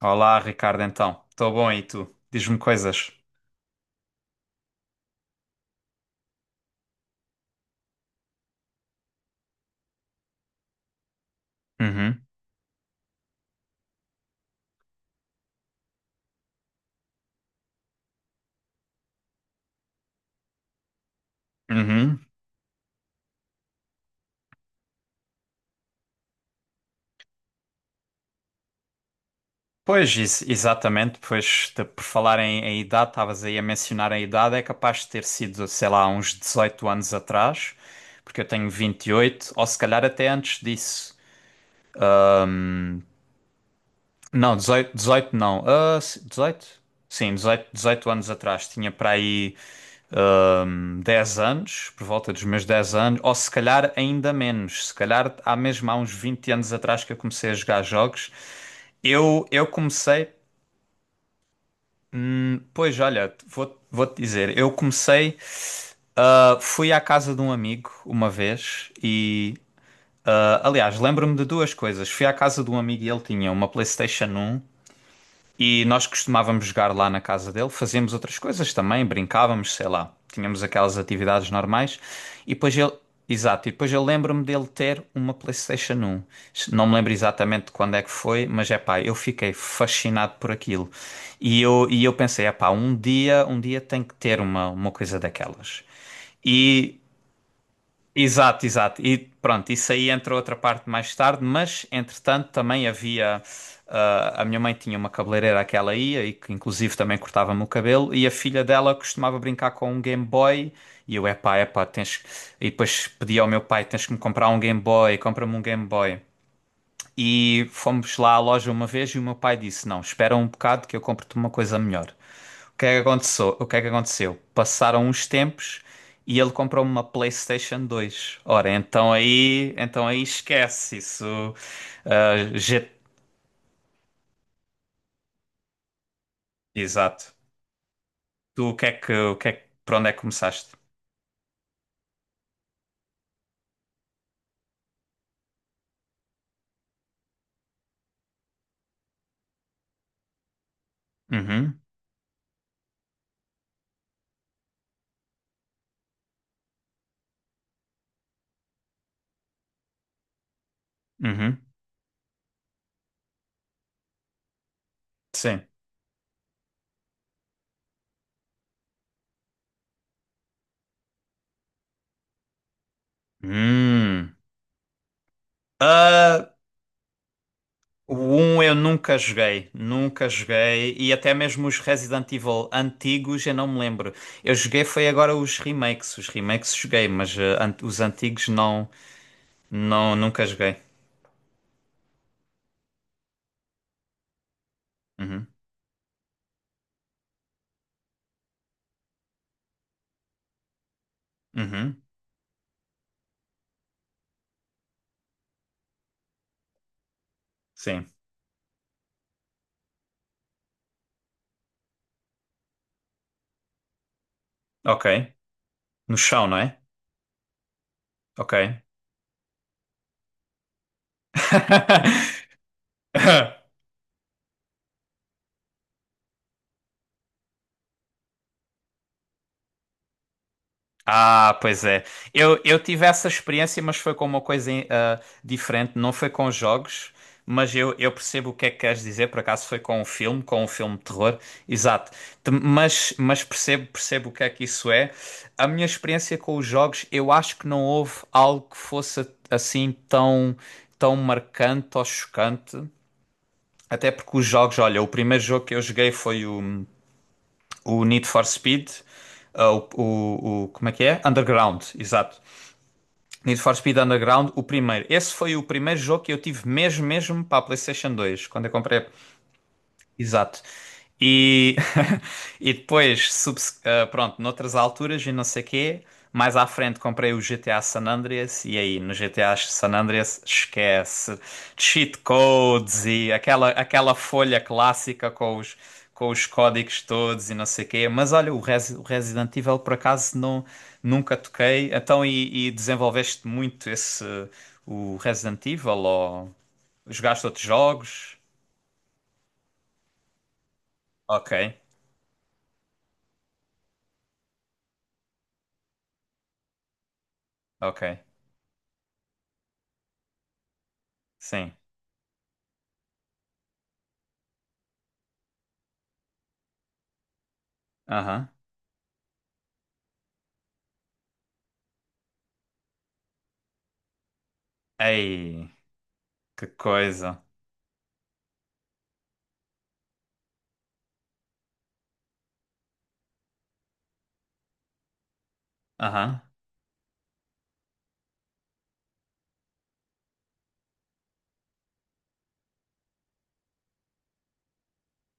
Olá, Ricardo, então. Estou bom e tu? Diz-me coisas. Uhum, uhum. Pois, exatamente. Pois, por falar em, em idade, estavas aí a mencionar a idade, é capaz de ter sido, sei lá, uns 18 anos atrás, porque eu tenho 28. Ou se calhar até antes disso. Hum. Não, 18, 18 não. 18? Sim, 18, 18 anos atrás. Tinha para aí 10 anos, por volta dos meus 10 anos, ou se calhar ainda menos, se calhar há mesmo há uns 20 anos atrás que eu comecei a jogar jogos. Eu comecei, pois olha, vou-te dizer, eu comecei, fui à casa de um amigo uma vez e, aliás, lembro-me de duas coisas. Fui à casa de um amigo e ele tinha uma PlayStation 1. E nós costumávamos jogar lá na casa dele, fazíamos outras coisas também, brincávamos, sei lá, tínhamos aquelas atividades normais. E depois ele, exato, e depois eu lembro-me dele ter uma PlayStation um. Não me lembro exatamente de quando é que foi, mas é pá, eu fiquei fascinado por aquilo. E eu pensei, é pá, um dia tem que ter uma coisa daquelas. E exato, exato. E pronto, isso aí entra outra parte mais tarde, mas entretanto também havia. A minha mãe tinha uma cabeleireira a que ela ia e que inclusive também cortava-me o cabelo, e a filha dela costumava brincar com um Game Boy. E eu, epá, epá, tens. Que-" E depois pedia ao meu pai: tens que me comprar um Game Boy, compra-me um Game Boy. E fomos lá à loja uma vez e o meu pai disse: Não, espera um bocado que eu compro-te uma coisa melhor. O que é que aconteceu? O que é que aconteceu? Passaram uns tempos e ele comprou uma PlayStation 2. Ora, então aí esquece isso. ah, G- Exato. Tu o que é que, o que é que, por onde é que começaste? Uhum, uhum, sim. Hum. Ah, o um eu nunca joguei, nunca joguei, e até mesmo os Resident Evil antigos eu não me lembro. Eu joguei foi agora os remakes joguei, mas os antigos não, não, nunca joguei. Uhum, uhum, sim, ok. No chão, não é? Ok. Ah, pois é. Eu tive essa experiência, mas foi com uma coisa diferente. Não foi com jogos, mas eu percebo o que é que queres dizer. Por acaso foi com um filme de terror. Exato. Mas percebo, percebo o que é que isso é. A minha experiência com os jogos, eu acho que não houve algo que fosse assim tão, tão marcante ou chocante. Até porque os jogos, olha, o primeiro jogo que eu joguei foi o Need for Speed. O como é que é? Underground, exato. Need for Speed Underground, o primeiro. Esse foi o primeiro jogo que eu tive mesmo, mesmo para a PlayStation 2. Quando eu comprei exato. E, e depois, pronto, noutras alturas e não sei quê, mais à frente comprei o GTA San Andreas e aí no GTA San Andreas esquece cheat codes e aquela, aquela folha clássica com os códigos todos e não sei quê. Mas olha, o, o Resident Evil por acaso não, nunca toquei. Então, e desenvolveste muito esse, o Resident Evil ou jogaste outros jogos? Ok, ok. Sim. Aham. Ei, que coisa. Aham.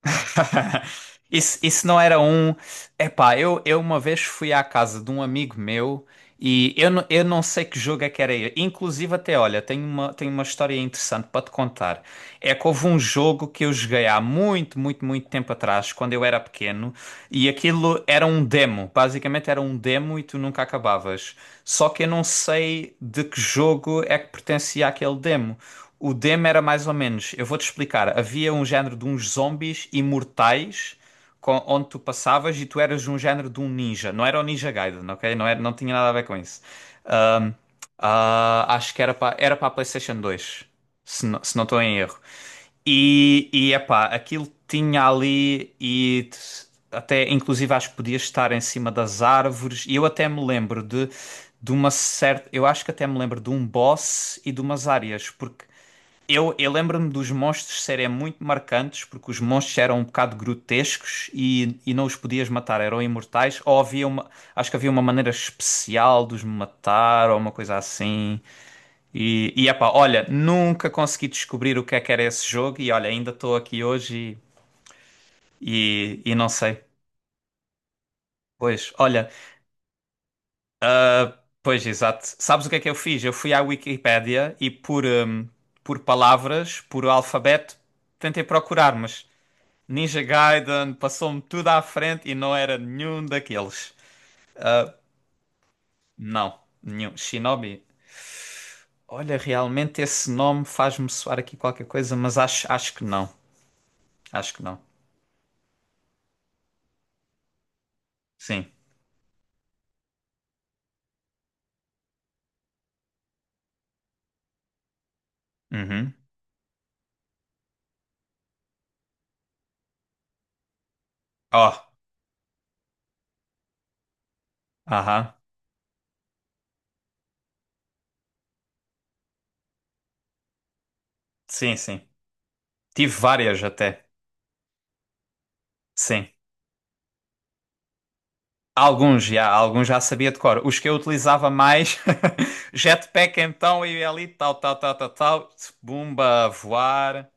Isso não era um. Epá, eu uma vez fui à casa de um amigo meu e eu, eu não sei que jogo é que era ele. Inclusive, até olha, tenho uma história interessante para te contar. É que houve um jogo que eu joguei há muito, muito, muito tempo atrás, quando eu era pequeno, e aquilo era um demo. Basicamente era um demo e tu nunca acabavas. Só que eu não sei de que jogo é que pertencia aquele demo. O demo era mais ou menos, eu vou-te explicar. Havia um género de uns zombies imortais onde tu passavas e tu eras um género de um ninja. Não era o Ninja Gaiden, ok? Não era, não tinha nada a ver com isso. Ahm, acho que era para a PlayStation 2, se não, se não estou em erro. E epá, aquilo tinha ali até inclusive acho que podias estar em cima das árvores. E eu até me lembro de uma certa. Eu acho que até me lembro de um boss e de umas áreas, porque eu lembro-me dos monstros serem muito marcantes, porque os monstros eram um bocado grotescos e não os podias matar, eram imortais, ou havia uma, acho que havia uma maneira especial de os matar, ou uma coisa assim. E epá, olha, nunca consegui descobrir o que é que era esse jogo, e olha, ainda estou aqui hoje e não sei. Pois, olha, pois exato. Sabes o que é que eu fiz? Eu fui à Wikipédia e por palavras, por alfabeto, tentei procurar, mas. Ninja Gaiden passou-me tudo à frente e não era nenhum daqueles. Não, nenhum. Shinobi. Olha, realmente esse nome faz-me soar aqui qualquer coisa, mas acho, acho que não. Acho que não. Sim. Uhum. Oh, aham. Sim, sim. Tive várias até. Sim. Alguns já sabia de cor. Os que eu utilizava mais, Jetpack então, e ali, tal, tal, tal, tal, tal, bumba, voar.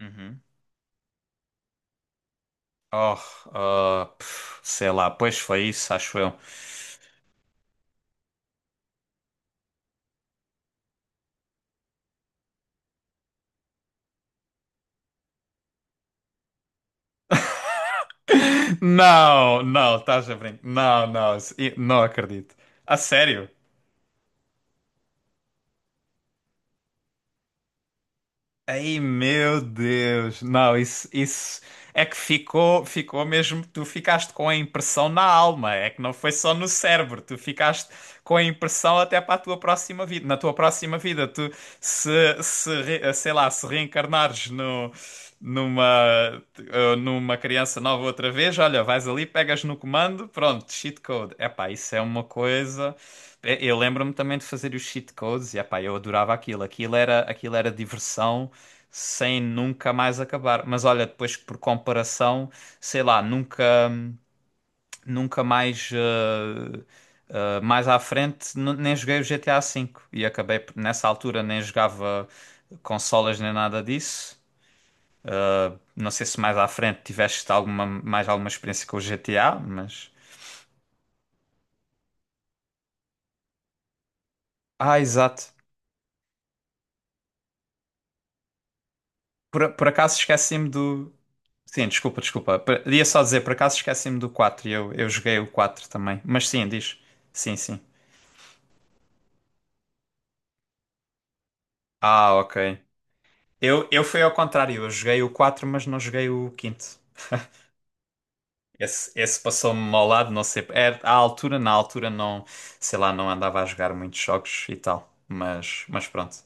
Uhum. Oh, pff, sei lá, pois foi isso, acho eu. Não, não, estás a brincar. Não, não, não acredito. A sério? Ai, meu Deus. Não, isso é que ficou, ficou mesmo. Tu ficaste com a impressão na alma. É que não foi só no cérebro. Tu ficaste com a impressão até para a tua próxima vida. Na tua próxima vida, tu se, sei lá, se reencarnares no, numa, numa criança nova outra vez, olha, vais ali, pegas no comando, pronto, cheat code. Epá, isso é uma coisa. Eu lembro-me também de fazer os cheat codes e epá, eu adorava aquilo. Aquilo era diversão sem nunca mais acabar. Mas olha, depois por comparação, sei lá, nunca, nunca mais, mais à frente, nem joguei o GTA 5 e acabei nessa altura nem jogava consolas nem nada disso. Não sei se mais à frente tiveste alguma, mais alguma experiência com o GTA, mas. Ah, exato. Por acaso esqueci-me do. Sim, desculpa, desculpa. Ia só dizer, por acaso esqueci-me do 4 e eu joguei o 4 também. Mas sim, diz. Sim, sim. Ah, ok. Eu fui ao contrário, eu joguei o 4 mas não joguei o quinto. Esse passou-me ao lado, não sei. Era, à altura, na altura, não, sei lá, não andava a jogar muitos jogos e tal. Mas pronto.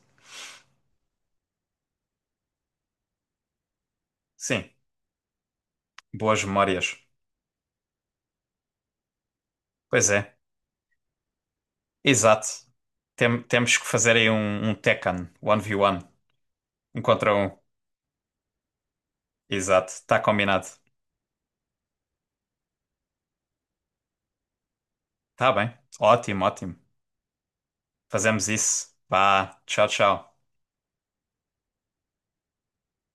Sim, boas memórias. Pois é, exato. Temos que fazer aí um Tekken 1v1, um um contra um. Exato, está combinado. Está bem, ótimo, ótimo. Fazemos isso. Vá, tchau, tchau.